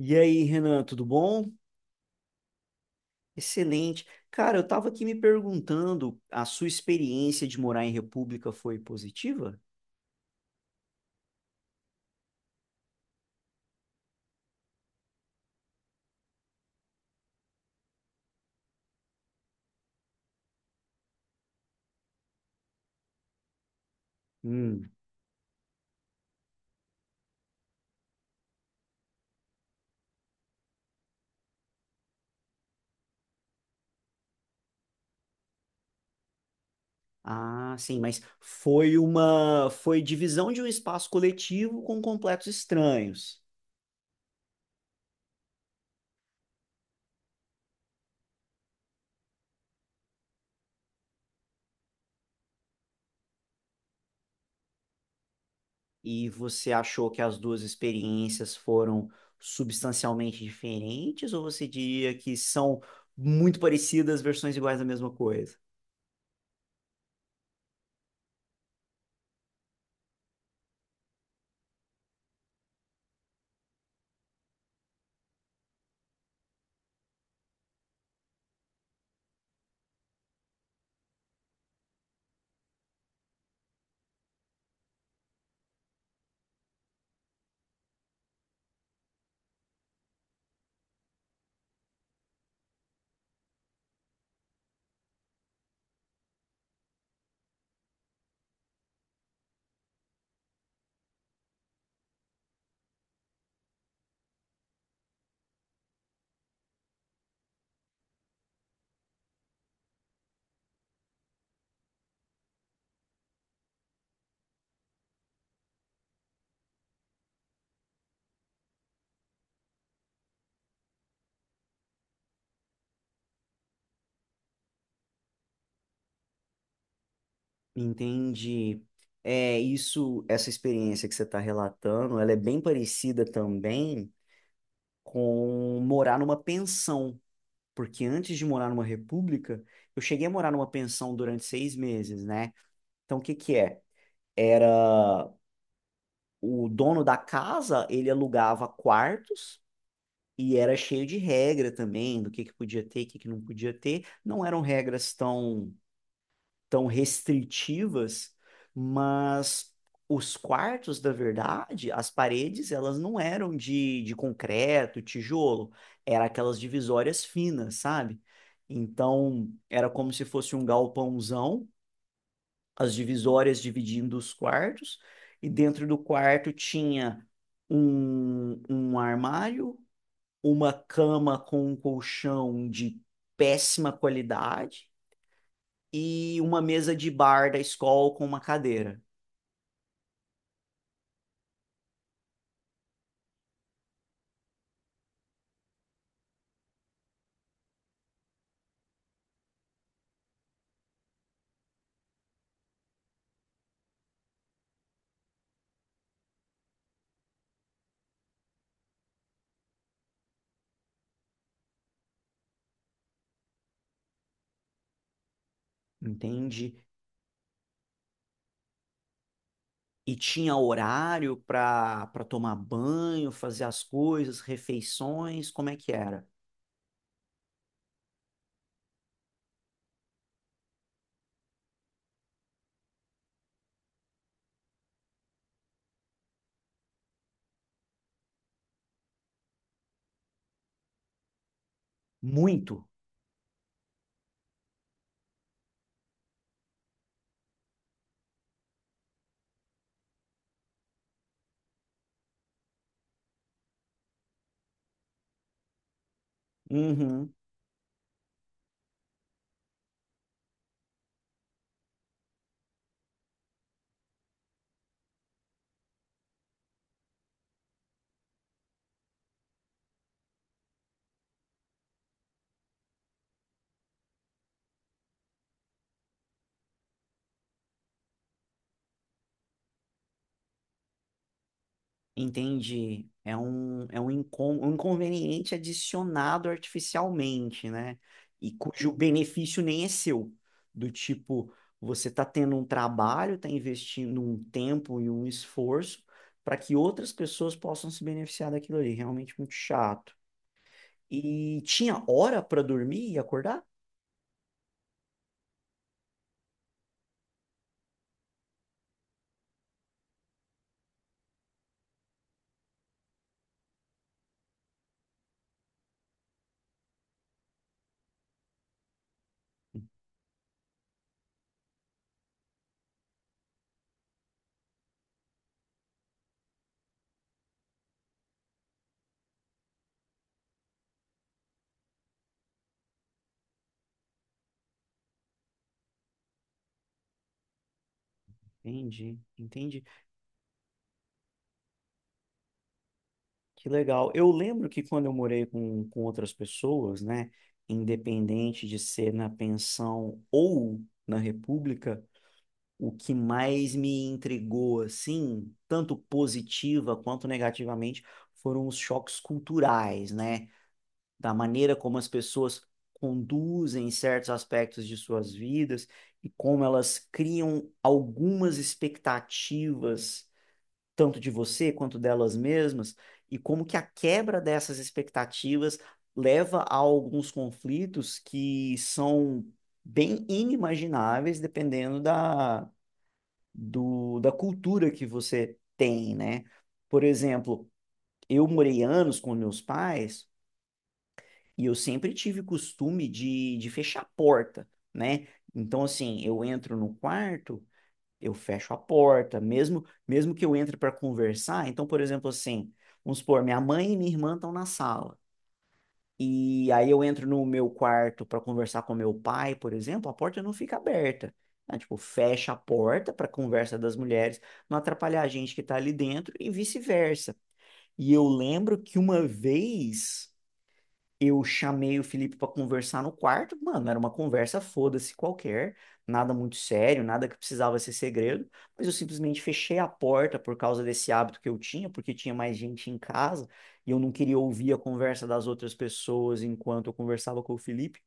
E aí, Renan, tudo bom? Excelente. Cara, eu estava aqui me perguntando, a sua experiência de morar em República foi positiva? Hum. Ah, sim, mas foi divisão de um espaço coletivo com completos estranhos. E você achou que as duas experiências foram substancialmente diferentes, ou você diria que são muito parecidas, versões iguais da mesma coisa? Entendi. É isso, essa experiência que você está relatando, ela é bem parecida também com morar numa pensão, porque antes de morar numa república, eu cheguei a morar numa pensão durante 6 meses, né? Então, o que que é? Era o dono da casa, ele alugava quartos e era cheio de regra também, do que podia ter, o que que não podia ter. Não eram regras tão restritivas, mas os quartos, da verdade, as paredes, elas não eram de concreto, tijolo, era aquelas divisórias finas, sabe? Então, era como se fosse um galpãozão, as divisórias dividindo os quartos, e dentro do quarto tinha um armário, uma cama com um colchão de péssima qualidade, e uma mesa de bar da escola com uma cadeira, entende? E tinha horário para tomar banho, fazer as coisas, refeições, como é que era? Muito. Uhum. Entendi. É um inconveniente adicionado artificialmente, né? E cujo benefício nem é seu. Do tipo, você está tendo um trabalho, está investindo um tempo e um esforço para que outras pessoas possam se beneficiar daquilo ali. Realmente muito chato. E tinha hora para dormir e acordar? Entendi, entendi. Que legal. Eu lembro que quando eu morei com outras pessoas, né, independente de ser na pensão ou na república, o que mais me intrigou, assim, tanto positiva quanto negativamente, foram os choques culturais, né, da maneira como as pessoas conduzem certos aspectos de suas vidas e como elas criam algumas expectativas tanto de você quanto delas mesmas, e como que a quebra dessas expectativas leva a alguns conflitos que são bem inimagináveis dependendo da cultura que você tem, né? Por exemplo, eu morei anos com meus pais e eu sempre tive costume de fechar a porta, né? Então, assim, eu entro no quarto eu fecho a porta, mesmo que eu entre para conversar. Então, por exemplo, assim, vamos supor, minha mãe e minha irmã estão na sala. E aí eu entro no meu quarto para conversar com meu pai, por exemplo, a porta não fica aberta. Né? Tipo, fecha a porta para conversa das mulheres, não atrapalhar a gente que está ali dentro e vice-versa. E eu lembro que uma vez eu chamei o Felipe para conversar no quarto, mano, era uma conversa foda-se qualquer, nada muito sério, nada que precisava ser segredo, mas eu simplesmente fechei a porta por causa desse hábito que eu tinha, porque tinha mais gente em casa e eu não queria ouvir a conversa das outras pessoas enquanto eu conversava com o Felipe.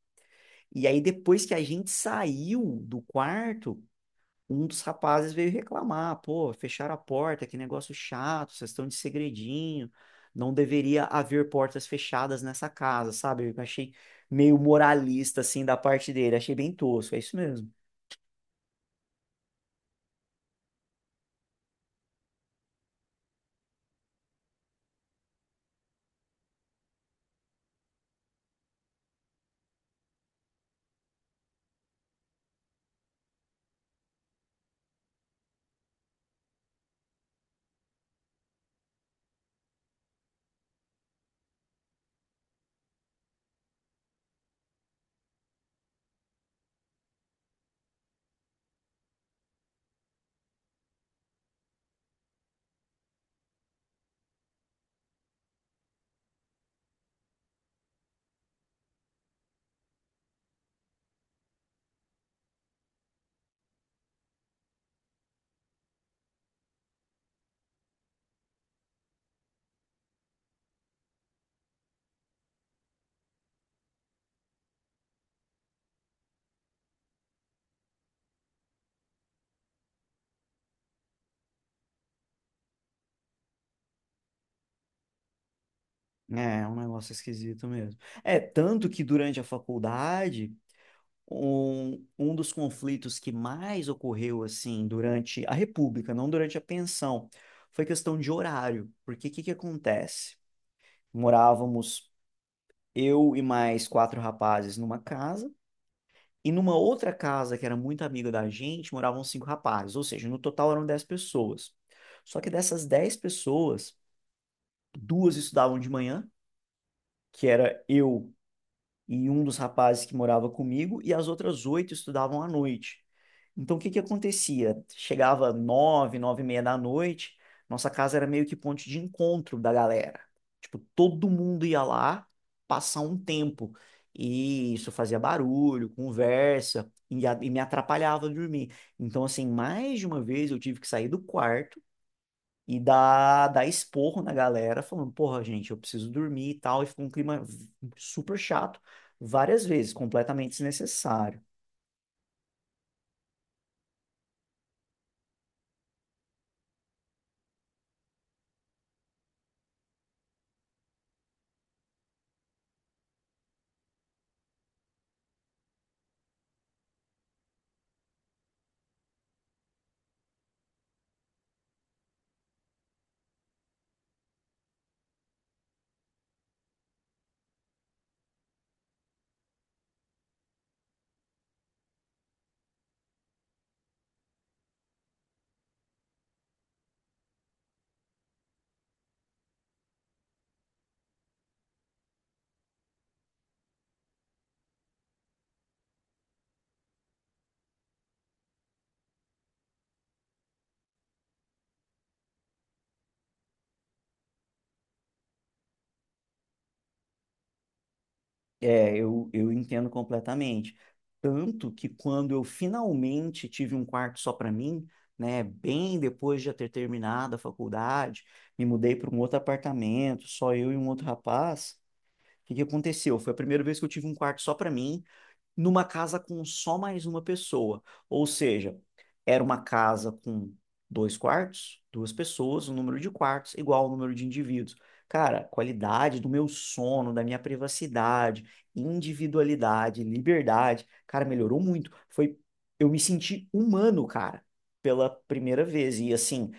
E aí depois que a gente saiu do quarto, um dos rapazes veio reclamar: pô, fecharam a porta, que negócio chato, vocês estão de segredinho, não deveria haver portas fechadas nessa casa, sabe? Eu achei meio moralista, assim, da parte dele, achei bem tosco, é isso mesmo. É, é um negócio esquisito mesmo. É, tanto que durante a faculdade, um dos conflitos que mais ocorreu, assim, durante a República, não durante a pensão, foi questão de horário, porque o que que acontece? Morávamos eu e mais quatro rapazes numa casa, e numa outra casa que era muito amiga da gente, moravam cinco rapazes, ou seja, no total eram 10 pessoas. Só que dessas 10 pessoas, duas estudavam de manhã, que era eu e um dos rapazes que morava comigo, e as outras oito estudavam à noite. Então, o que que acontecia? Chegava nove, nove e meia da noite, nossa casa era meio que ponte de encontro da galera. Tipo, todo mundo ia lá passar um tempo. E isso fazia barulho, conversa, e me atrapalhava dormir. Então, assim, mais de uma vez eu tive que sair do quarto e dá esporro na galera, falando, porra, gente, eu preciso dormir e tal, e ficou um clima super chato, várias vezes, completamente desnecessário. É, eu entendo completamente. Tanto que quando eu finalmente tive um quarto só para mim, né, bem depois de já ter terminado a faculdade, me mudei para um outro apartamento, só eu e um outro rapaz. O que que aconteceu? Foi a primeira vez que eu tive um quarto só para mim, numa casa com só mais uma pessoa. Ou seja, era uma casa com dois quartos, duas pessoas, o número de quartos igual ao número de indivíduos. Cara, qualidade do meu sono, da minha privacidade, individualidade, liberdade, cara, melhorou muito. Foi, eu me senti humano, cara, pela primeira vez. E assim,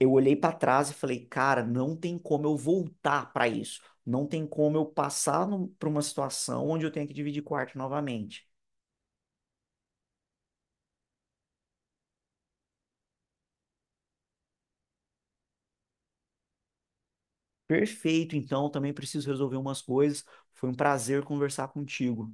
eu olhei para trás e falei, cara, não tem como eu voltar para isso. Não tem como eu passar para uma situação onde eu tenho que dividir quarto novamente. Perfeito, então também preciso resolver umas coisas. Foi um prazer conversar contigo.